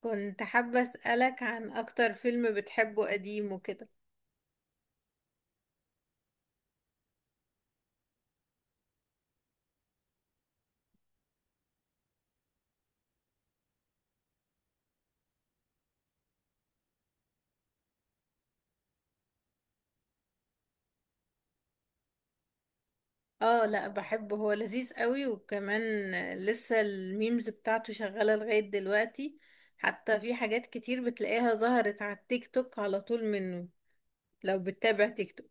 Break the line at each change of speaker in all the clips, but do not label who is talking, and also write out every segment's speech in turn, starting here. كنت حابة أسألك عن أكتر فيلم بتحبه قديم وكده. اه، لا بحبه، هو لذيذ قوي. وكمان لسه الميمز بتاعته شغالة لغاية دلوقتي، حتى في حاجات كتير بتلاقيها ظهرت على التيك توك على طول منه، لو بتتابع تيك توك.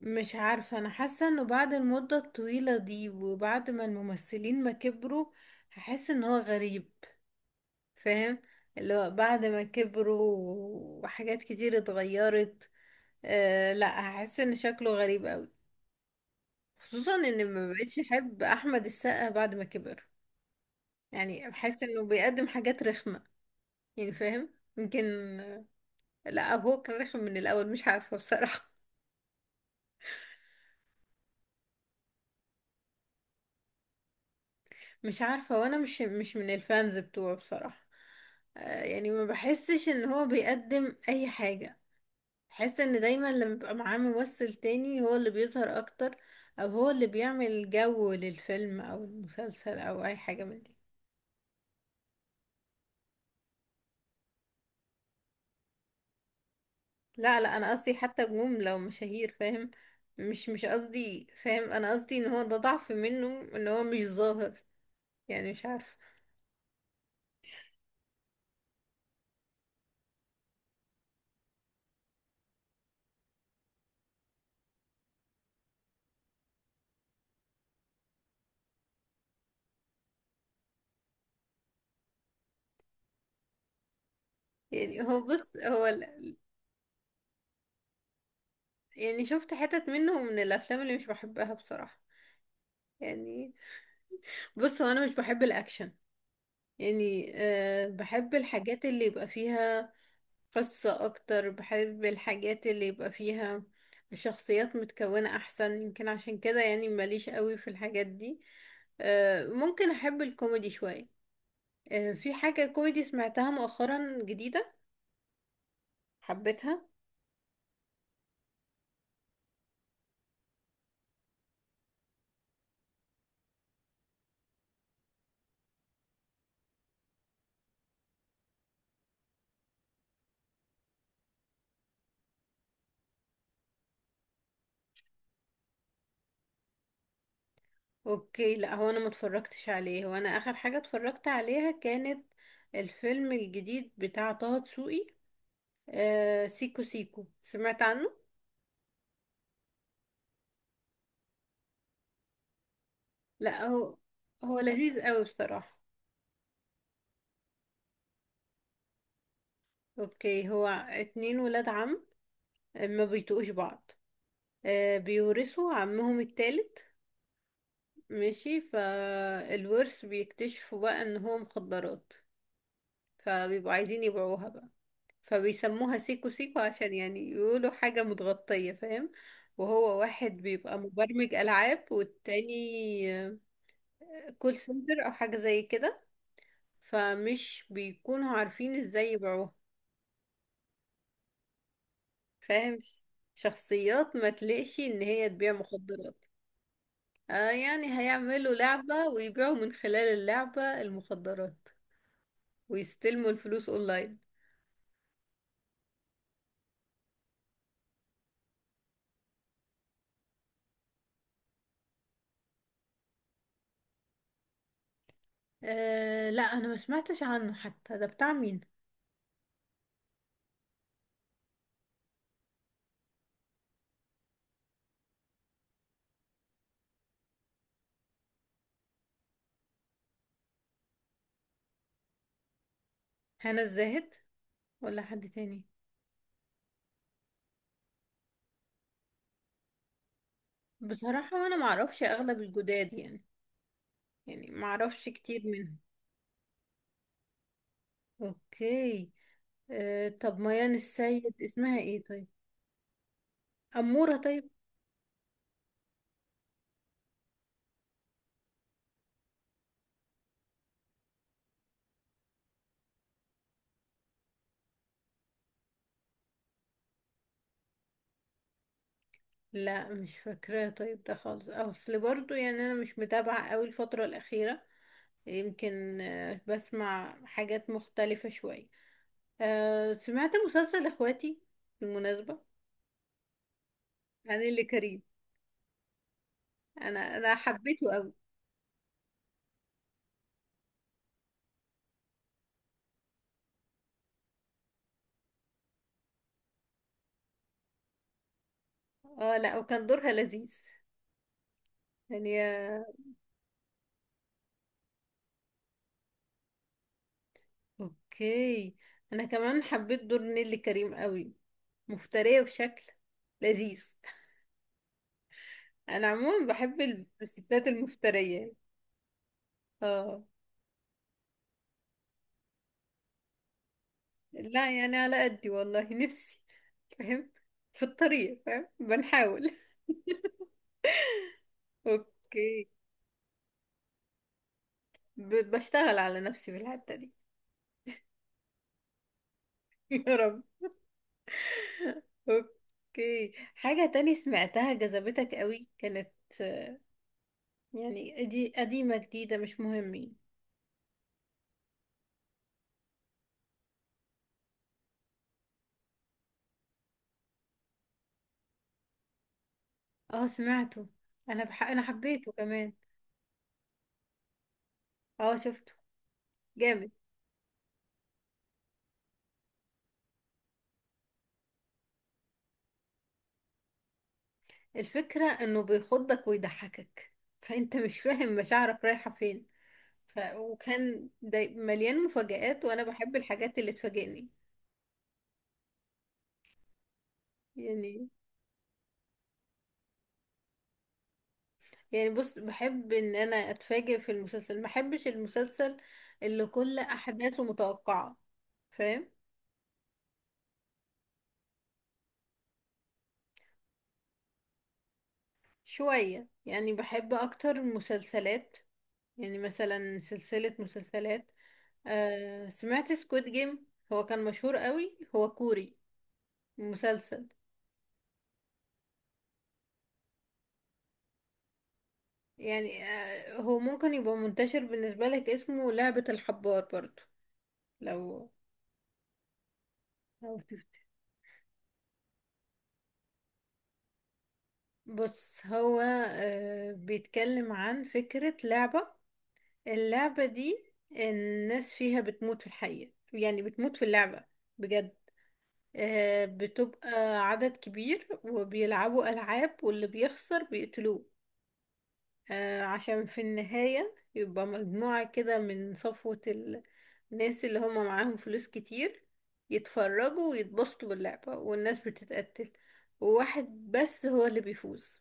مش عارفة، أنا حاسة إنه بعد المدة الطويلة دي وبعد ما الممثلين ما كبروا هحس إن هو غريب. فاهم؟ اللي هو بعد ما كبروا وحاجات كتير اتغيرت. أه لا، هحس ان شكله غريب قوي، خصوصا ان ما بقتش احب احمد السقا بعد ما كبر. يعني بحس انه بيقدم حاجات رخمة. يعني فاهم؟ يمكن، لا، هو كان رخم من الاول، مش عارفة بصراحة. مش عارفة، وانا مش من الفانز بتوعه بصراحة. أه يعني ما بحسش ان هو بيقدم اي حاجة. بحس ان دايما لما بيبقى معاه ممثل تاني هو اللي بيظهر اكتر، او هو اللي بيعمل جو للفيلم او المسلسل او اي حاجة من دي. لا لا، انا قصدي حتى نجوم لو مشاهير، فاهم؟ مش قصدي، فاهم، انا قصدي ان هو ده ضعف منه، ان هو مش ظاهر. يعني مش عارفه. يعني هو، بص، يعني شفت حتت منه من الافلام اللي مش بحبها بصراحه. يعني بص، هو انا مش بحب الاكشن. يعني أه، بحب الحاجات اللي يبقى فيها قصة أكتر، بحب الحاجات اللي يبقى فيها شخصيات متكونة أحسن. يمكن عشان كده يعني ماليش قوي في الحاجات دي. آه، ممكن أحب الكوميدي شوية. آه، في حاجة كوميدي سمعتها مؤخرا جديدة، حبيتها. أوكي، لا هو أنا متفرجتش عليه. هو أنا آخر حاجة اتفرجت عليها كانت الفيلم الجديد بتاع طه دسوقي. آه، سيكو سيكو، سمعت عنه؟ لا هو، هو لذيذ قوي بصراحة. اوكي، هو اتنين ولاد عم ما بيتقوش بعض. آه، بيورثوا عمهم التالت. ماشي، فالورث بيكتشفوا بقى ان هو مخدرات. فبيبقوا عايزين يبيعوها بقى، فبيسموها سيكو سيكو عشان يعني يقولوا حاجة متغطية، فاهم؟ وهو واحد بيبقى مبرمج ألعاب، والتاني آه، كول سنتر أو حاجة زي كده. فمش بيكونوا عارفين ازاي يبيعوها، فاهم؟ شخصيات ما تلاقش ان هي تبيع مخدرات. آه يعني هيعملوا لعبة ويبيعوا من خلال اللعبة المخدرات، ويستلموا الفلوس اونلاين. آه لا، انا ما سمعتش عنه حتى. ده بتاع مين؟ هنا الزاهد ولا حد تاني؟ بصراحة انا ما اعرفش اغلب الجداد يعني، يعني ما اعرفش كتير منهم. اوكي. آه طب ميان السيد اسمها ايه طيب؟ أمورة طيب. لا مش فاكراها طيب ده خالص اصل، برضو يعني انا مش متابعة قوي الفترة الأخيرة. يمكن آه، بسمع حاجات مختلفة شوية. آه، سمعت مسلسل اخواتي بالمناسبة، عن اللي كريم. انا حبيته قوي. اه لا، وكان دورها لذيذ يعني، آه. اوكي، انا كمان حبيت دور نيللي كريم قوي، مفترية بشكل لذيذ. انا عموما بحب الستات المفترية. اه. لا يعني على قدي والله نفسي، فاهم؟ في الطريق، فاهم، بنحاول. اوكي، بشتغل على نفسي في الحتة دي. يا رب. اوكي، حاجة تاني سمعتها جذبتك قوي كانت آه، يعني دي قديمة جديدة مش مهم يعني. اه سمعته، انا حبيته كمان. اه شفته، جامد. الفكرة انه بيخضك ويضحكك، فانت مش فاهم مشاعرك رايحة فين. وكان مليان مفاجآت، وانا بحب الحاجات اللي تفاجئني يعني. يعني بص، بحب ان انا اتفاجئ في المسلسل، ما احبش المسلسل اللي كل احداثه متوقعة، فاهم؟ شوية يعني، بحب اكتر مسلسلات، يعني مثلا سلسلة مسلسلات. آه سمعت سكويد جيم، هو كان مشهور قوي، هو كوري مسلسل. يعني آه، هو ممكن يبقى منتشر بالنسبة لك، اسمه لعبة الحبار برضو، لو لو تفتكر. بص هو، آه بيتكلم عن فكرة لعبة. اللعبة دي الناس فيها بتموت في الحقيقة، يعني بتموت في اللعبة بجد. آه، بتبقى عدد كبير وبيلعبوا ألعاب، واللي بيخسر بيقتلوه. آه، عشان في النهاية يبقى مجموعة كده من صفوة الناس اللي هم معاهم فلوس كتير، يتفرجوا ويتبسطوا باللعبة، والناس بتتقتل. وواحد بس هو اللي بيفوز،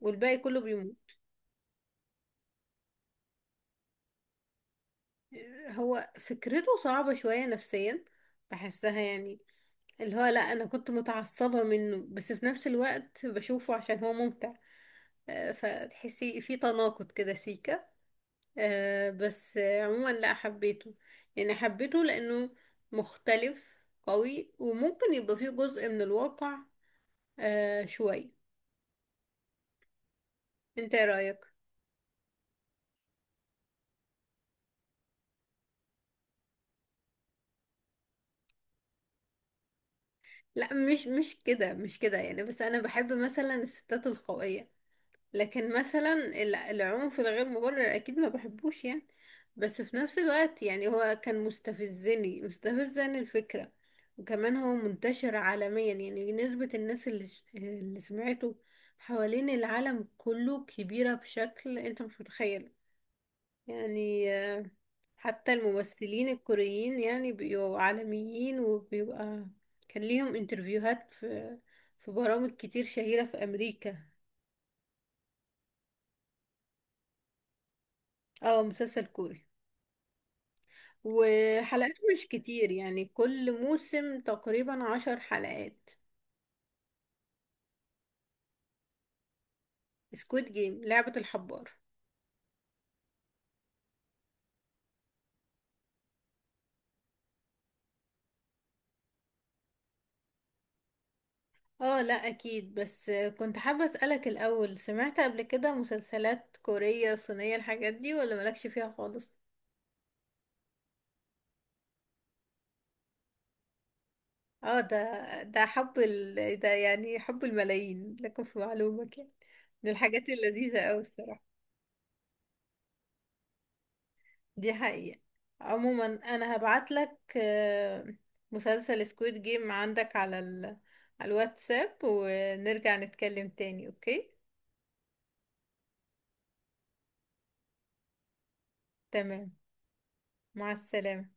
والباقي كله بيموت. آه، هو فكرته صعبة شوية نفسيا، بحسها يعني. اللي هو لا، انا كنت متعصبة منه، بس في نفس الوقت بشوفه عشان هو ممتع. آه، فتحسي في تناقض كده سيكا. آه، بس آه، عموما لا حبيته، يعني حبيته لانه مختلف قوي، وممكن يبقى فيه جزء من الواقع آه، شوي. انت ايه رأيك؟ لا مش مش كده، مش كده يعني، بس انا بحب مثلا الستات القوية. لكن مثلا العنف الغير مبرر اكيد ما بحبوش يعني. بس في نفس الوقت يعني هو كان مستفزني الفكرة. وكمان هو منتشر عالميا، يعني نسبة الناس اللي، اللي سمعته حوالين العالم كله كبيرة بشكل انت مش متخيل يعني. آه، حتى الممثلين الكوريين يعني بيبقوا عالميين، وبيبقى كان ليهم انترفيوهات في في برامج كتير شهيرة في أمريكا. اه مسلسل كوري، وحلقاته مش كتير يعني، كل موسم تقريبا 10 حلقات. سكويد جيم، لعبة الحبار. اه لا اكيد، بس كنت حابة اسألك الاول، سمعت قبل كده مسلسلات كورية صينية الحاجات دي ولا مالكش فيها خالص؟ اه ده، ده يعني حب الملايين لكم في معلومك يعني، من الحاجات اللذيذة اوي الصراحة. دي حقيقة. عموما انا هبعت لك آه، مسلسل سكويد جيم عندك على على الواتساب، ونرجع نتكلم تاني اوكي؟ تمام، مع السلامة.